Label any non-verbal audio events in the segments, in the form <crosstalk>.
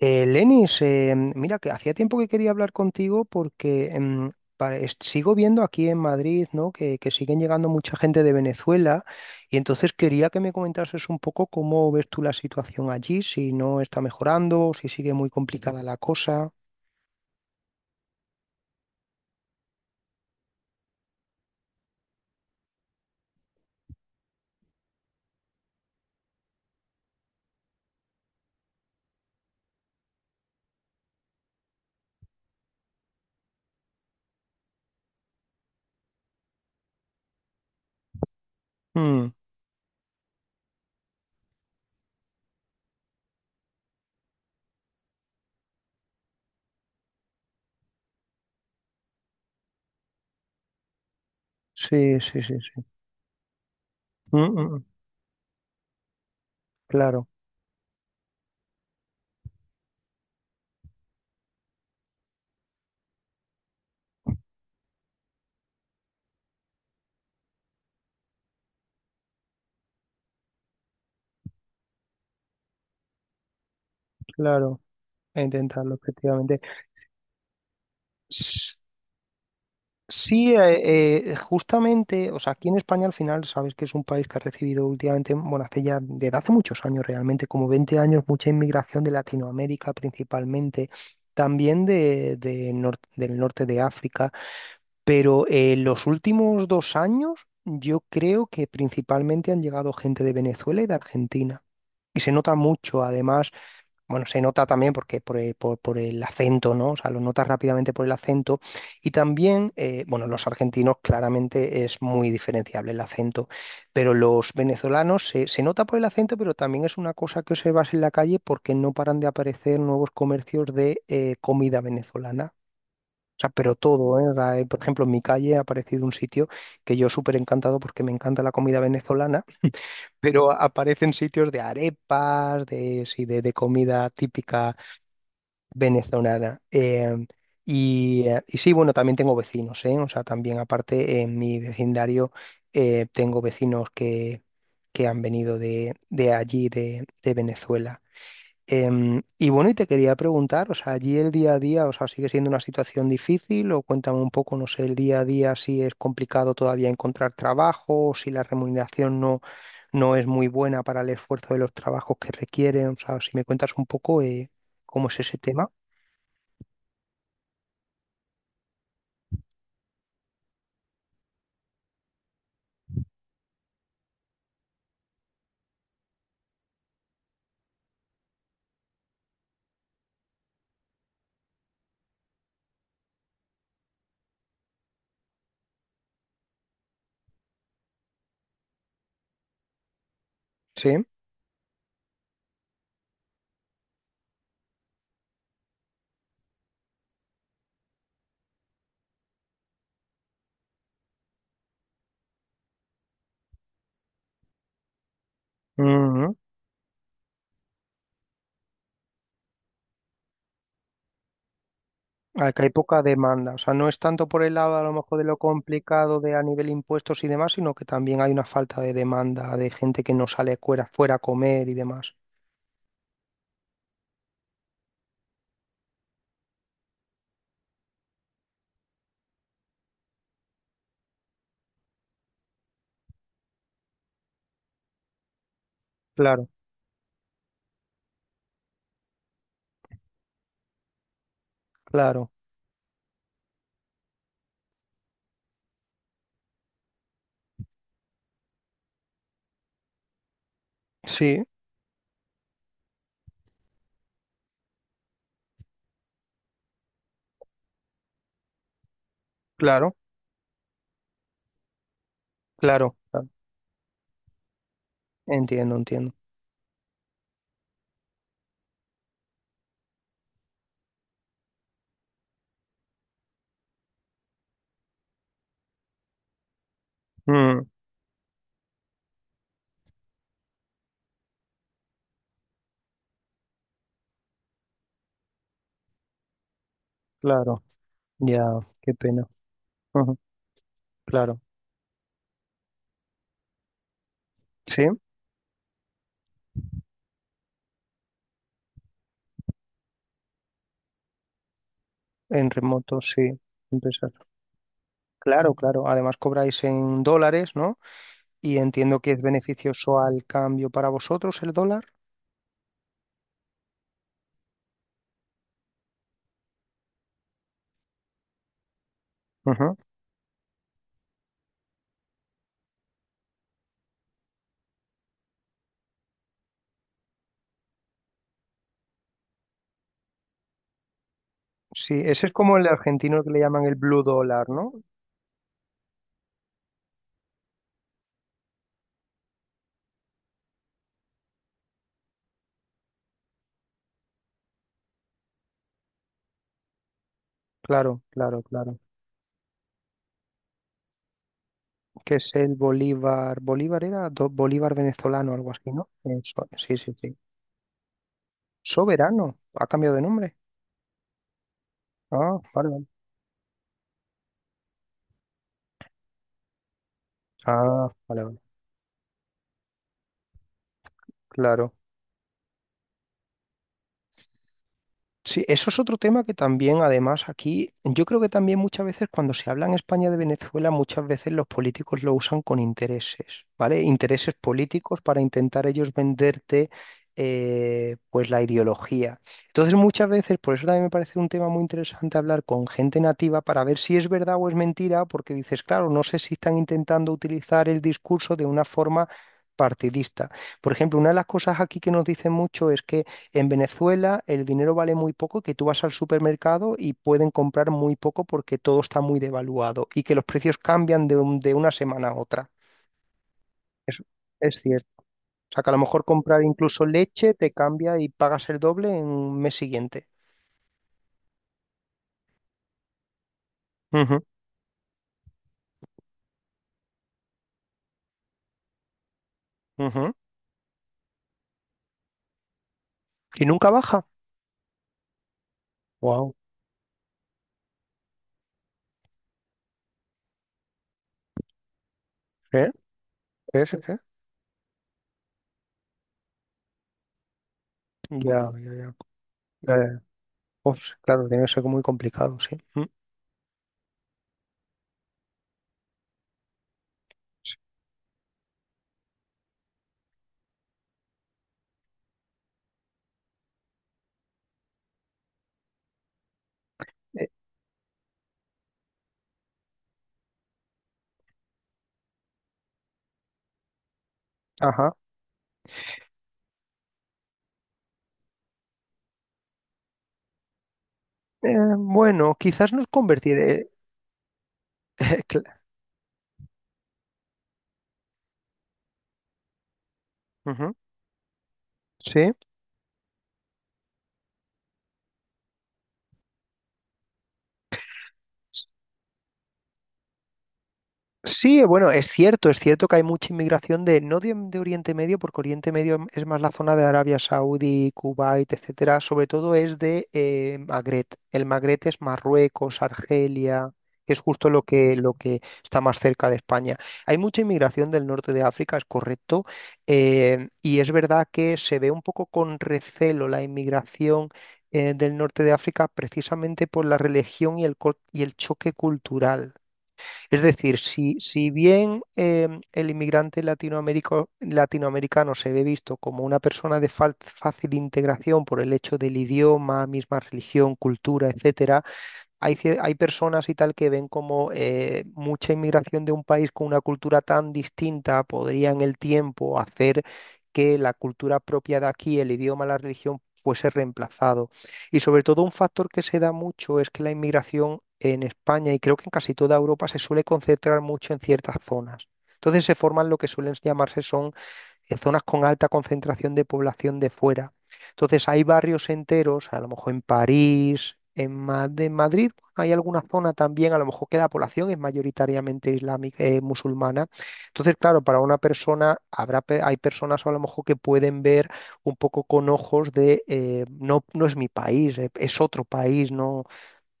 Lenis, mira que hacía tiempo que quería hablar contigo porque sigo viendo aquí en Madrid, ¿no? que siguen llegando mucha gente de Venezuela y entonces quería que me comentases un poco cómo ves tú la situación allí, si no está mejorando, si sigue muy complicada la cosa. Mm, sí, sí, sí, sí. Mm, mm, mm. Claro, claro, a intentarlo, efectivamente. Sí, justamente, o sea, aquí en España al final sabes que es un país que ha recibido últimamente, bueno, hace ya desde hace muchos años realmente, como 20 años, mucha inmigración de Latinoamérica principalmente, también de del norte de África, pero los últimos 2 años yo creo que principalmente han llegado gente de Venezuela y de Argentina. Y se nota mucho, además, bueno, se nota también porque por el acento, ¿no? O sea, lo notas rápidamente por el acento. Y también, bueno, los argentinos claramente es muy diferenciable el acento, pero los venezolanos se nota por el acento, pero también es una cosa que observas en la calle porque no paran de aparecer nuevos comercios de comida venezolana. O sea, pero todo, ¿eh? O sea, por ejemplo, en mi calle ha aparecido un sitio que yo súper encantado porque me encanta la comida venezolana, pero aparecen sitios de arepas, de, sí, de comida típica venezolana. Y sí, bueno, también tengo vecinos, ¿eh? O sea, también aparte en mi vecindario tengo vecinos que han venido de allí, de Venezuela. Y bueno, y te quería preguntar, o sea, allí el día a día, o sea, ¿sigue siendo una situación difícil? O cuéntame un poco, no sé, el día a día si es complicado todavía encontrar trabajo, o si la remuneración no, no es muy buena para el esfuerzo de los trabajos que requieren, o sea, si me cuentas un poco cómo es ese tema. Sí. Ujú. Acá hay poca demanda. O sea, no es tanto por el lado a lo mejor de lo complicado de a nivel impuestos y demás, sino que también hay una falta de demanda de gente que no sale fuera, fuera a comer y demás. Claro, claro. Sí, claro, claro. Claro. Entiendo, entiendo. Mm, claro. Ya, qué pena. Ujú. Claro. Sí, en remoto, sí. Empresas. Claro, claro. Además cobráis en dólares, ¿no? Y entiendo que es beneficioso al cambio para vosotros el dólar. Sí, ese es como el argentino que le llaman el blue dólar, ¿no? Claro, claro, claro. Que es el bolívar. Bolívar era bolívar venezolano, algo así, ¿no? Eso, sí, sí, sí. Soberano. Ha cambiado de nombre. Ah, vale, vale. Ah, vale, vale. Claro. Sí, eso es otro tema que también, además, aquí, yo creo que también muchas veces cuando se habla en España de Venezuela, muchas veces los políticos lo usan con intereses, ¿vale? Intereses políticos para intentar ellos venderte, pues, la ideología. Entonces, muchas veces, por eso también me parece un tema muy interesante hablar con gente nativa para ver si es verdad o es mentira, porque dices, claro, no sé si están intentando utilizar el discurso de una forma partidista. Por ejemplo, una de las cosas aquí que nos dicen mucho es que en Venezuela el dinero vale muy poco, que tú vas al supermercado y pueden comprar muy poco porque todo está muy devaluado y que los precios cambian de una semana a otra. Es, es cierto. O sea, que a lo mejor comprar incluso leche te cambia y pagas el doble en un mes siguiente. Ujú, ujú. Y nunca baja. Wow. ¿Eh? ¿Eh? ¿Eh? ¿Eh? Ya, ya, ya. Ya, ya. Pues, claro, tiene que ser muy complicado, sí. Mm. Sí. Eh. Ajá. Bueno, quizás nos convertiré. <laughs> Cla- Ujú. Sí. Sí, bueno, es cierto que hay mucha inmigración de, no de, de Oriente Medio, porque Oriente Medio es más la zona de Arabia Saudí, Kuwait, etcétera, sobre todo es de Magreb. El Magreb es Marruecos, Argelia, que es justo lo que está más cerca de España. Hay mucha inmigración del norte de África, es correcto, y es verdad que se ve un poco con recelo la inmigración del norte de África precisamente por la religión y y el choque cultural. Es decir, si bien el latinoamericano se ve visto como una persona de fácil integración por el hecho del idioma, misma religión, cultura, etcétera, hay personas y tal que ven como mucha inmigración de un país con una cultura tan distinta podría en el tiempo hacer que la cultura propia de aquí, el idioma, la religión, fuese reemplazado. Y sobre todo un factor que se da mucho es que la inmigración en España y creo que en casi toda Europa se suele concentrar mucho en ciertas zonas. Entonces se forman lo que suelen llamarse son en zonas con alta concentración de población de fuera. Entonces hay barrios enteros, a lo mejor en París, de Madrid, bueno, hay alguna zona también, a lo mejor que la población es mayoritariamente islámica, musulmana. Entonces, claro, para una persona, hay personas a lo mejor que pueden ver un poco con ojos de, no, no es mi país, es otro país, no,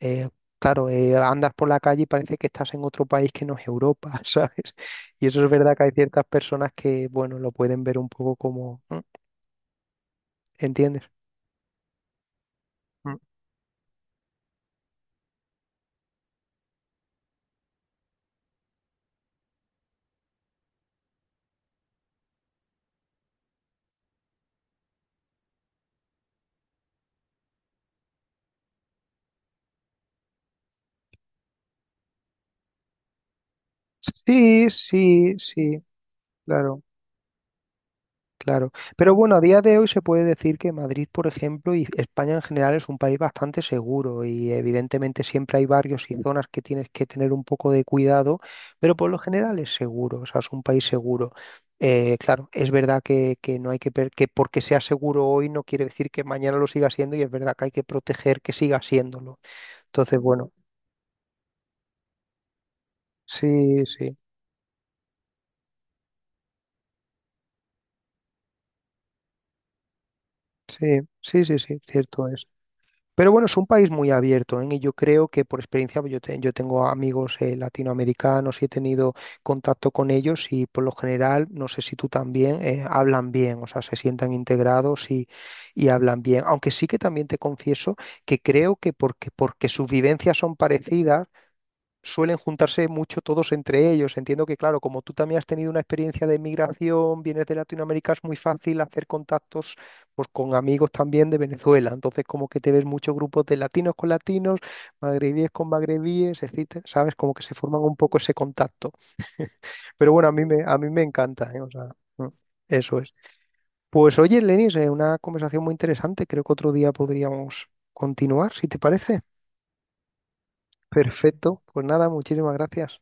eh, claro, andas por la calle y parece que estás en otro país que no es Europa, <laughs> ¿sabes? Y eso es verdad que hay ciertas personas que, bueno, lo pueden ver un poco como, ¿eh? ¿Entiendes? Mm. Sí, sí, sí, claro. Claro, pero bueno, a día de hoy se puede decir que Madrid, por ejemplo, y España en general es un país bastante seguro y evidentemente siempre hay barrios y zonas que tienes que tener un poco de cuidado, pero por lo general es seguro, o sea, es un país seguro. Claro, es verdad que no hay que porque sea seguro hoy no quiere decir que mañana lo siga siendo y es verdad que hay que proteger que siga siéndolo. Entonces, bueno, sí, sí, sí, sí, sí, sí, cierto es. Pero bueno, es un país muy abierto, ¿eh? Y yo creo que por experiencia, yo tengo amigos latinoamericanos y he tenido contacto con ellos y por lo general, no sé si tú también, hablan bien, o sea, se sientan integrados y hablan bien. Aunque sí que también te confieso que creo porque sus vivencias son parecidas, suelen juntarse mucho todos entre ellos. Entiendo que, claro, como tú también has tenido una experiencia de migración, vienes de Latinoamérica, es muy fácil hacer contactos pues, con amigos también de Venezuela. Entonces, como que te ves muchos grupos de latinos con latinos, magrebíes con magrebíes, etcétera, ¿sabes? Como que se forman un poco ese contacto. Pero bueno, a mí me encanta, ¿eh? O sea, mm, eso es. Pues oye, Lenis, una conversación muy interesante. Creo que otro día podríamos continuar, si te parece. Perfecto. Pues nada, muchísimas gracias.